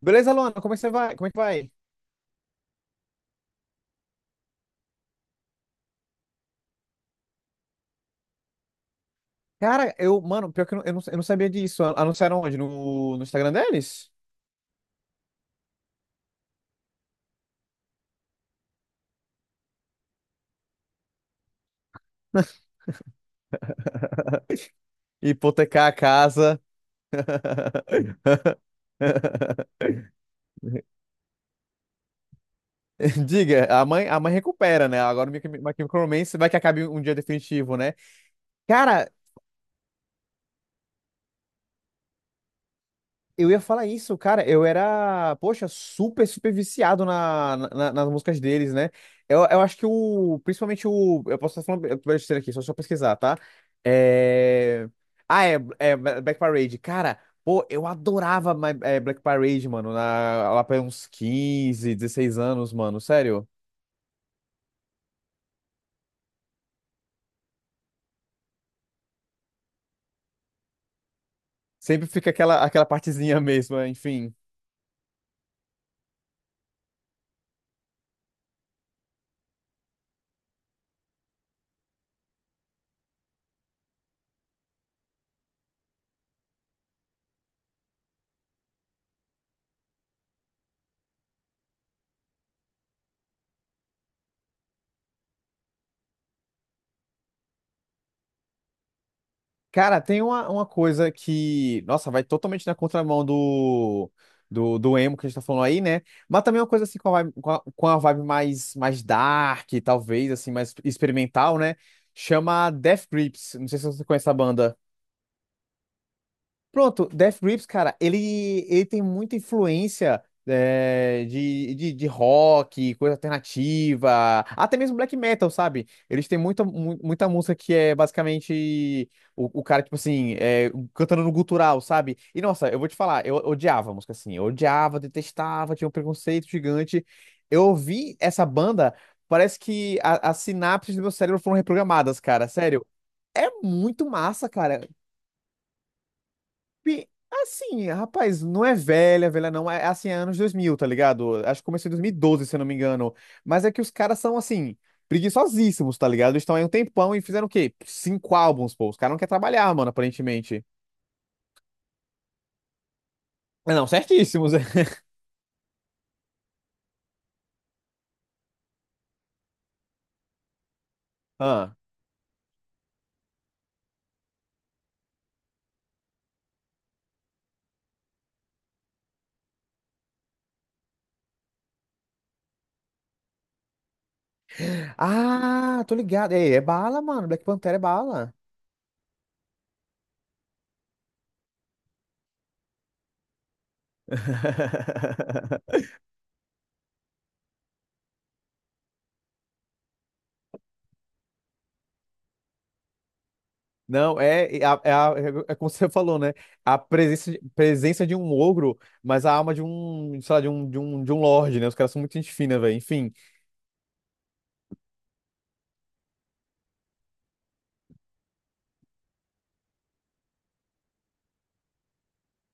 Beleza, Luana? Como é que você vai? Como é que vai? Cara, mano, pior que eu não sabia disso. Anunciaram onde? No Instagram deles? Hipotecar a casa. Diga, a mãe recupera, né? Agora o Micromancer vai que acabe um dia definitivo, né? Cara, eu ia falar isso, cara. Eu era, poxa, super, super viciado nas músicas deles, né? Eu acho que o. Principalmente o. Eu posso estar falando besteira aqui, só pesquisar, tá? É... Ah, é Black Parade. Cara, pô, eu adorava Black Parade, mano. Lá pra uns 15, 16 anos, mano. Sério. Sempre fica aquela partezinha mesmo, enfim. Cara, tem uma coisa que, nossa, vai totalmente na contramão do emo que a gente tá falando aí, né? Mas também é uma coisa assim com a vibe mais, dark, talvez, assim, mais experimental, né? Chama Death Grips. Não sei se você conhece a banda. Pronto, Death Grips, cara, ele tem muita influência de rock, coisa alternativa, até mesmo black metal, sabe? Eles têm muita música que é basicamente o cara, tipo assim, cantando no gutural, sabe? E nossa, eu vou te falar, eu odiava a música assim, eu odiava, detestava, tinha um preconceito gigante. Eu ouvi essa banda, parece que as sinapses do meu cérebro foram reprogramadas, cara, sério. É muito massa, cara. Pi- Assim, rapaz, não é velha, velha não, é assim, é anos 2000, tá ligado? Acho que começou em 2012, se eu não me engano. Mas é que os caras são, assim, preguiçosíssimos, tá ligado? Eles estão aí um tempão e fizeram o quê? Cinco álbuns, pô. Os caras não querem trabalhar, mano, aparentemente. Ah, não, certíssimos. É. Ah, ah, tô ligado. É, é bala, mano. Black Panther é bala. Não, é como você falou, né? A presença, presença de um ogro, mas a alma de um, sei lá, de um lorde, né? Os caras são muito gente fina, velho. Enfim.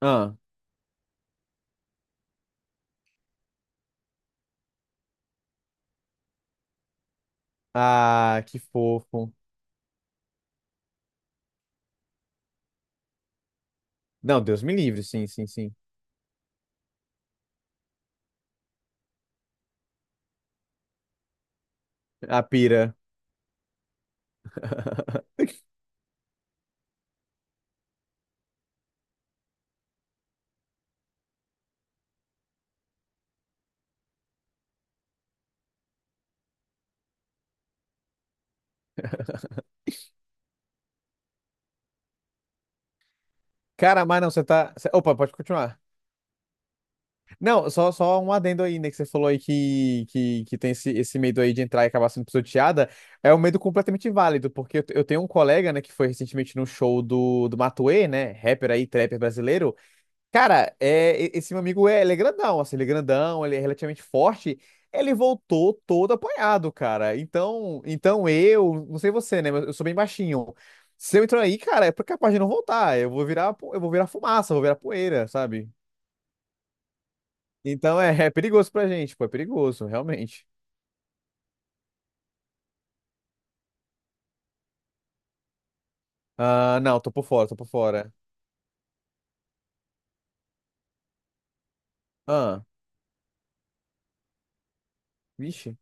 Ah, ah, que fofo. Não, Deus me livre, sim, sim, sim. A pira. Cara, mas não, Opa, pode continuar. Não, só um adendo aí, né? Que você falou aí que tem esse medo aí de entrar e acabar sendo pisoteada. É um medo completamente válido, porque eu tenho um colega, né, que foi recentemente no show do Matuê, né? Rapper aí, trapper brasileiro. Cara, esse meu amigo, ele é grandão, assim, ele é grandão, ele é relativamente forte. Ele voltou todo apanhado, cara. Então não sei você, né? Mas eu sou bem baixinho. Se eu entrar aí, cara, é capaz de não voltar. Eu vou virar fumaça, eu vou virar poeira, sabe? Então é perigoso pra gente, pô, é perigoso, realmente. Ah, não, tô por fora, tô por fora. Ah, vixe.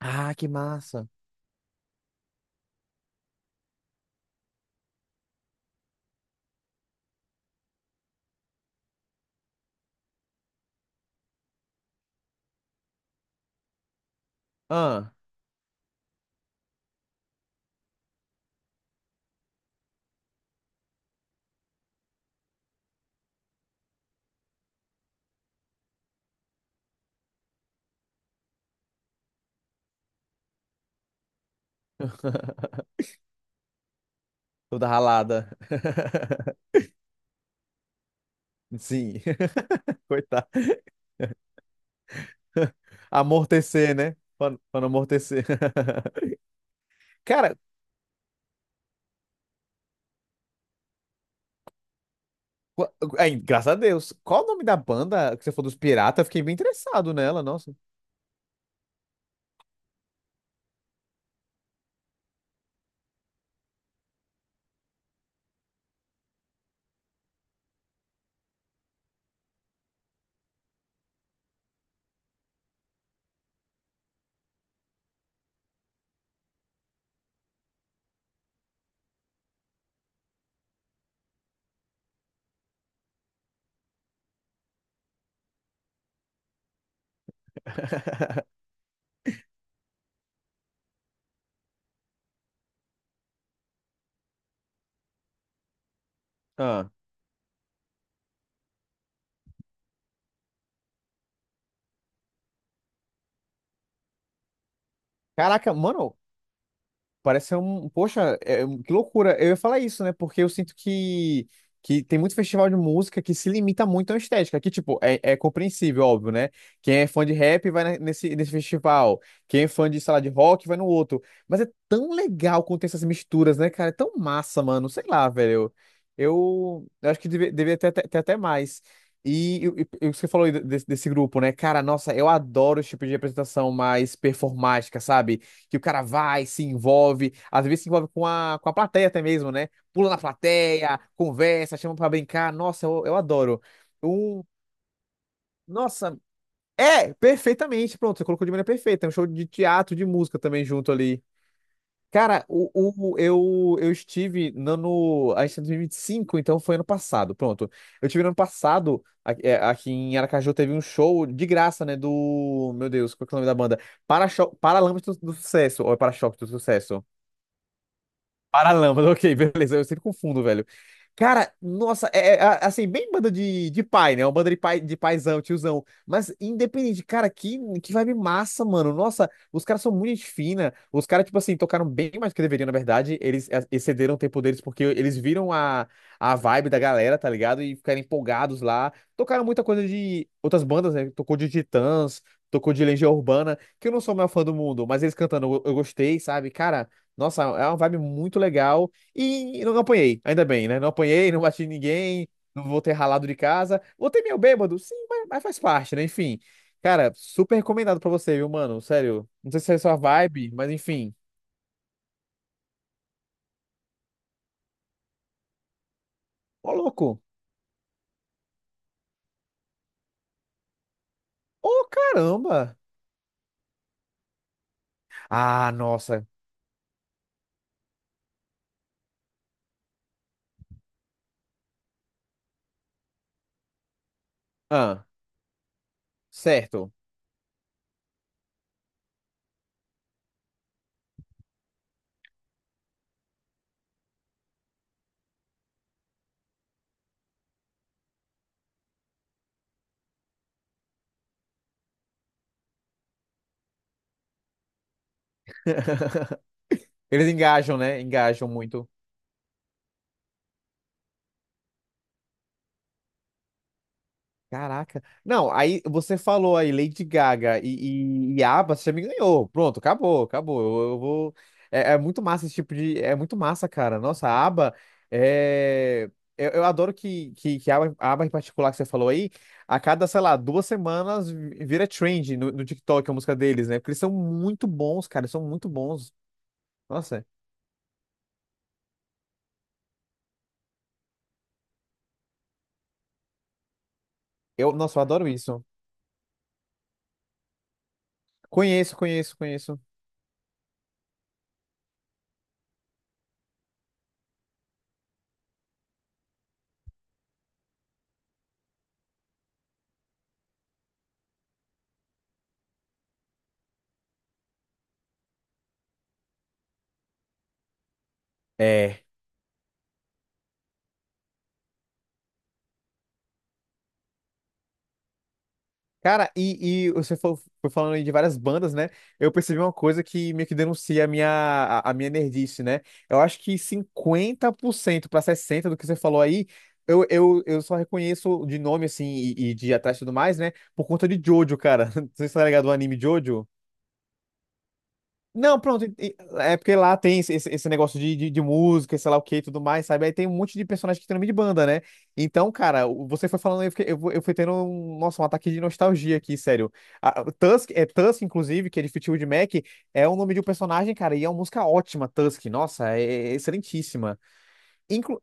Ah, que massa. Ah. Toda ralada. Sim. Coitado. Amortecer, né? Pra não amortecer. Cara, qu- ai, graças a Deus. Qual o nome da banda que você falou dos piratas? Eu fiquei bem interessado nela, nossa. Ah. Caraca, mano, parece ser um. Poxa, é um, que loucura. Eu ia falar isso, né? Porque eu sinto que tem muito festival de música que se limita muito à estética. Que, tipo, é compreensível, óbvio, né? Quem é fã de rap vai nesse festival. Quem é fã de, sei lá, de rock vai no outro. Mas é tão legal quando tem essas misturas, né, cara? É tão massa, mano. Sei lá, velho. Eu acho que deveria ter até mais. E o que você falou aí desse grupo, né? Cara, nossa, eu adoro esse tipo de apresentação mais performática, sabe? Que o cara vai, se envolve, às vezes se envolve com a plateia até mesmo, né? Pula na plateia, conversa, chama pra brincar. Nossa, eu adoro. Um, nossa, é, perfeitamente. Pronto, você colocou de maneira perfeita. É um show de teatro, de música também junto ali. Cara, eu estive no. A gente tá em 2025, então foi ano passado. Pronto. Eu estive no ano passado, aqui em Aracaju, teve um show de graça, né? Do. Meu Deus, qual que é o nome da banda? Para-choque, Paralamas do Sucesso. Ou é Para-choque do Sucesso? Paralâmpada, ok, beleza. Eu sempre confundo, velho. Cara, nossa, assim, bem banda de pai, né? Uma banda de pai, de paizão, tiozão. Mas independente, cara, que vibe massa, mano. Nossa, os caras são muito gente fina. Os caras, tipo assim, tocaram bem mais do que deveriam, na verdade. Eles excederam o tempo deles porque eles viram a vibe da galera, tá ligado? E ficaram empolgados lá. Tocaram muita coisa de outras bandas, né? Tocou de Titãs, tocou de Legião Urbana, que eu não sou o maior fã do mundo, mas eles cantando eu gostei, sabe? Cara, nossa, é uma vibe muito legal. E não apanhei, ainda bem, né? Não apanhei, não bati em ninguém, não vou ter ralado de casa. Voltei meio bêbado, sim, mas faz parte, né? Enfim. Cara, super recomendado pra você, viu, mano? Sério. Não sei se é sua vibe, mas enfim. Ô, louco. Ô, caramba. Ah, nossa. Ah, certo. Eles engajam, né? Engajam muito. Caraca. Não, aí você falou aí Lady Gaga e ABBA, você já me ganhou. Pronto, acabou, acabou. Eu vou. É muito massa esse tipo de. É muito massa, cara. Nossa, a ABBA é. Eu adoro que a ABBA em particular que você falou aí, a cada, sei lá, 2 semanas vira trend no TikTok a música deles, né? Porque eles são muito bons, cara. Eles são muito bons. Nossa, nossa, eu adoro isso. Conheço, conheço, conheço. É. Cara, e você foi falando aí de várias bandas, né? Eu percebi uma coisa que meio que denuncia a minha nerdice, né? Eu acho que 50% para 60% do que você falou aí, eu só reconheço de nome, assim, e de atrás e tudo mais, né? Por conta de Jojo, cara. Você está ligado ao anime Jojo? Não, pronto. É porque lá tem esse negócio de música, sei lá o que e tudo mais, sabe? Aí tem um monte de personagem que tem nome de banda, né? Então, cara, você foi falando, eu fiquei, eu fui tendo um, nossa, um ataque de nostalgia aqui, sério. O Tusk, é Tusk, inclusive, que é de Fleetwood Mac, é o nome de um personagem, cara, e é uma música ótima, Tusk. Nossa, é excelentíssima. Inclu-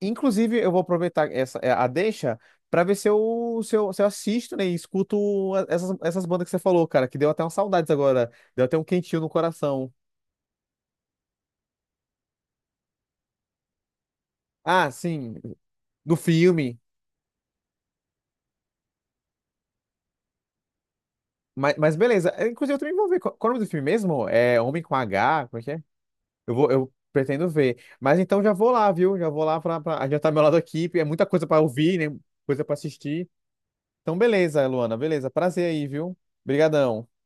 Inclusive, eu vou aproveitar a deixa pra ver se eu assisto, né, e escuto essas bandas que você falou, cara, que deu até umas saudades agora, deu até um quentinho no coração. Ah, sim, do filme. Mas beleza. É, inclusive, eu também vou ver. Qual é o nome do filme mesmo? É Homem com H? Como é que é? Eu pretendo ver. Mas então já vou lá, viu? Já vou lá pra adiantar meu lado aqui. Porque é muita coisa pra ouvir, né? Coisa pra assistir. Então, beleza, Luana. Beleza. Prazer aí, viu? Obrigadão.